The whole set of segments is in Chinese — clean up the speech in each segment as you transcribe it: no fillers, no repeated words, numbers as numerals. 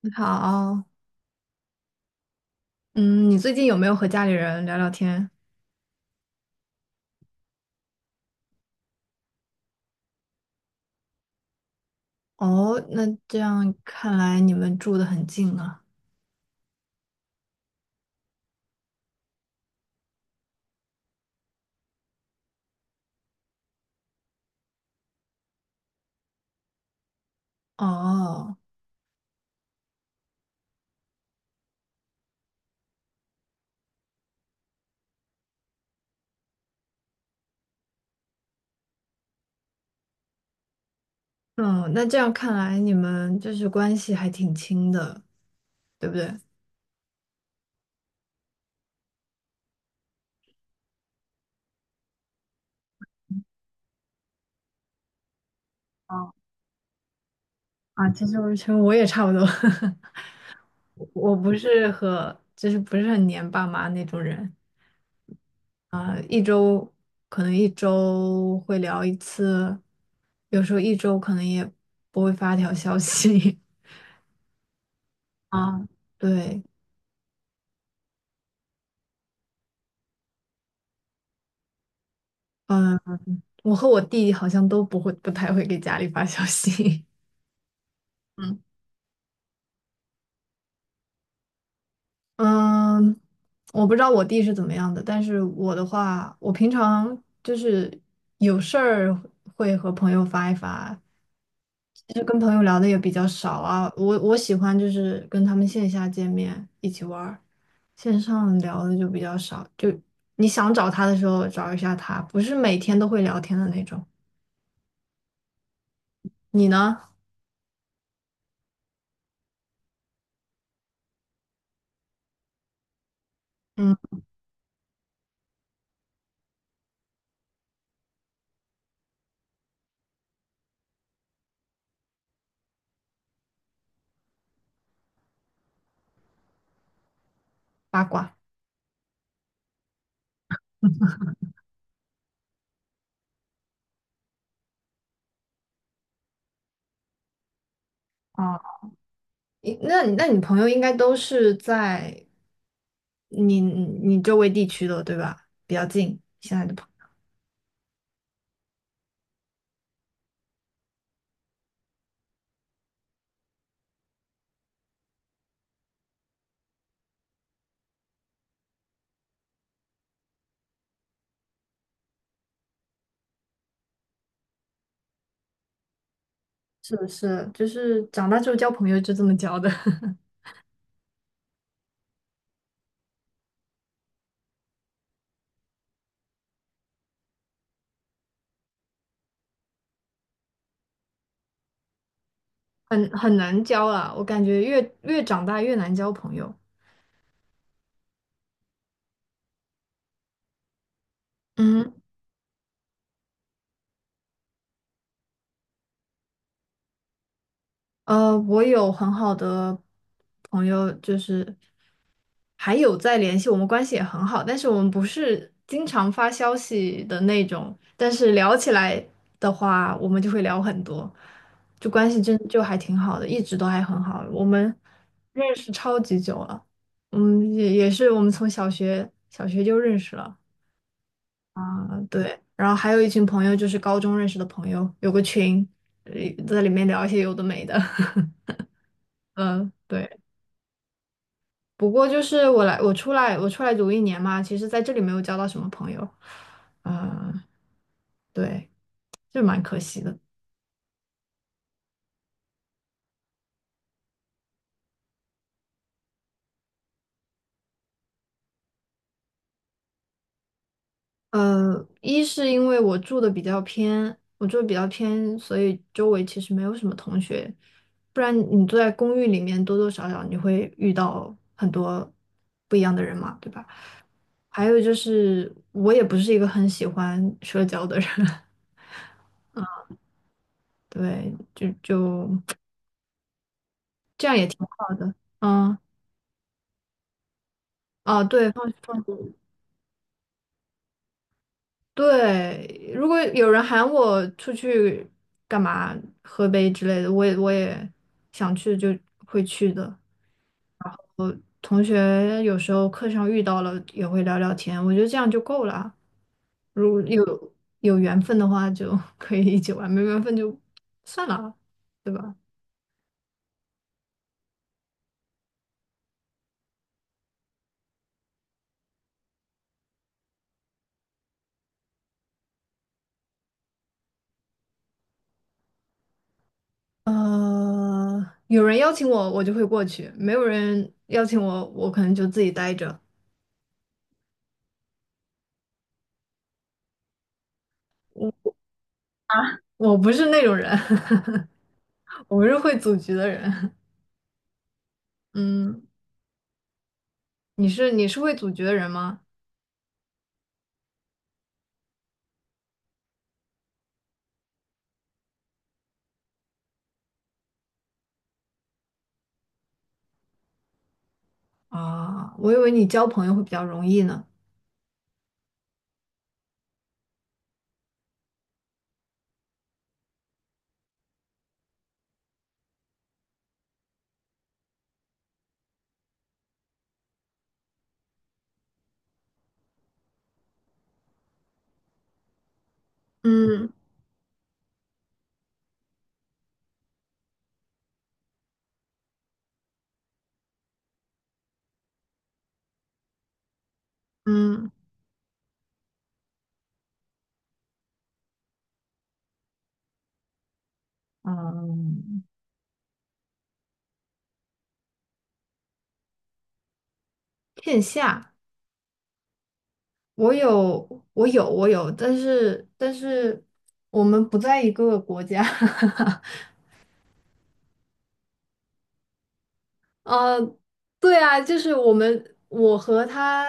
你好，嗯，你最近有没有和家里人聊聊天？哦，那这样看来你们住的很近啊。哦，嗯，那这样看来你们就是关系还挺亲的，对不对？哦，啊，其实我也差不多。我不是和不是很黏爸妈那种人，可能一周会聊一次，有时候一周可能也不会发条消息。啊，对，嗯。我和我弟好像都不会，不太会给家里发消息。嗯，嗯，我不知道我弟是怎么样的，但是我的话，我平常就是有事儿会和朋友发一发。其实跟朋友聊的也比较少啊。我喜欢就是跟他们线下见面一起玩儿，线上聊的就比较少。就你想找他的时候找一下他，不是每天都会聊天的那种。你呢？嗯，八卦。诶，那你朋友应该都是在你周围地区的，对吧？比较近，现在的朋，是不是？就是长大之后交朋友就这么交的。很难交啊。我感觉越长大越难交朋友。嗯，我有很好的朋友，就是。还有在联系，我们关系也很好，但是我们不是经常发消息的那种，但是聊起来的话，我们就会聊很多，就关系真就还挺好的，一直都还很好。我们认识超级久了，嗯，也也是我们从小学就认识了，嗯，对。然后还有一群朋友，就是高中认识的朋友，有个群，呃在里面聊一些有的没的。嗯，对。不过就是我来，我出来，我出来读一年嘛，其实在这里没有交到什么朋友，嗯，对，就蛮可惜的。一是因为我住的比较偏，所以周围其实没有什么同学，不然你住在公寓里面，多多少少你会遇到很多不一样的人嘛，对吧？还有就是我也不是一个很喜欢社交的人。对，就 这样也挺好的，嗯，哦，对，放。对，如果有人喊我出去干嘛喝杯之类的，我也想去就会去的。同学有时候课上遇到了也会聊聊天，我觉得这样就够了啊。如果有缘分的话就 可以一起玩，没缘分就算了，对吧？有人邀请我，我就会过去；没有人邀请我，我可能就自己待着。我不是那种人。我不是会组局的人。嗯。你是会组局的人吗？啊，我以为你交朋友会比较容易呢。嗯嗯嗯，线下我有我有，但是但是我们不在一个国家。呃，对啊，就是我们，我和他，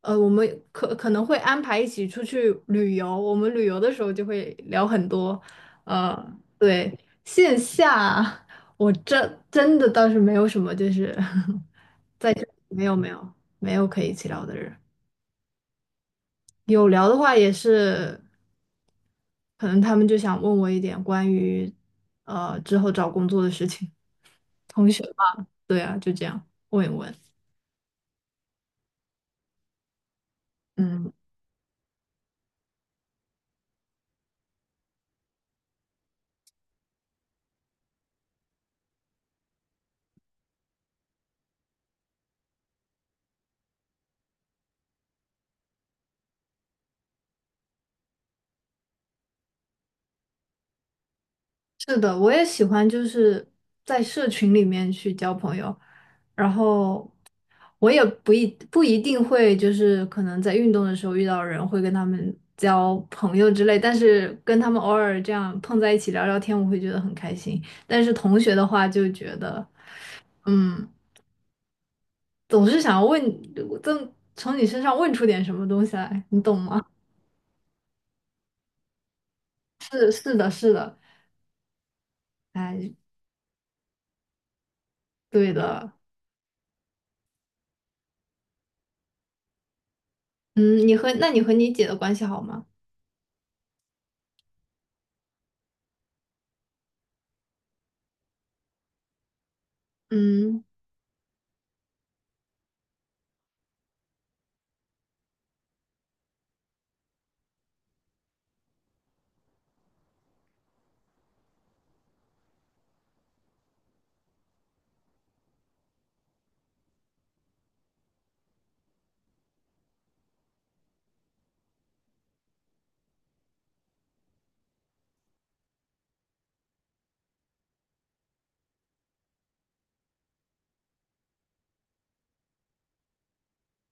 我们可能会安排一起出去旅游。我们旅游的时候就会聊很多，呃，对，线下我真真的倒是没有什么，就是 没有没有没有可以一起聊的人。有聊的话也是，可能他们就想问我一点关于之后找工作的事情，同学嘛，对啊，就这样问一问。嗯。是的，我也喜欢，就是在社群里面去交朋友。然后我也不一定会，就是可能在运动的时候遇到人会跟他们交朋友之类，但是跟他们偶尔这样碰在一起聊聊天，我会觉得很开心。但是同学的话，就觉得嗯，总是想要问，从你身上问出点什么东西来，你懂吗？是是的，是的，哎，对的，嗯，你和那你和你姐的关系好吗？嗯。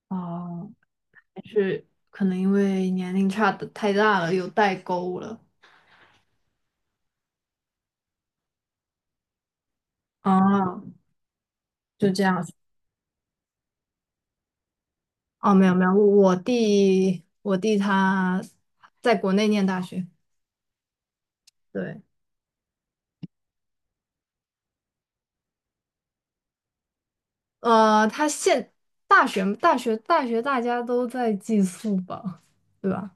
哦，可能因为年龄差的太大了，有代沟了。啊，就这样子。哦，没有没有，我弟他在国内念大学，对，呃，他现大学大家都在寄宿吧，对吧？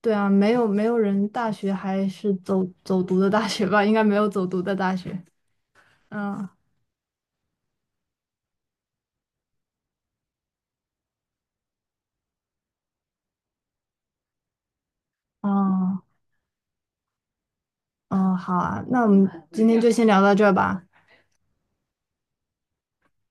对啊，没有没有人大学还是走读的大学吧？应该没有走读的大学。嗯，嗯嗯，好啊，那我们今天就先聊到这儿吧。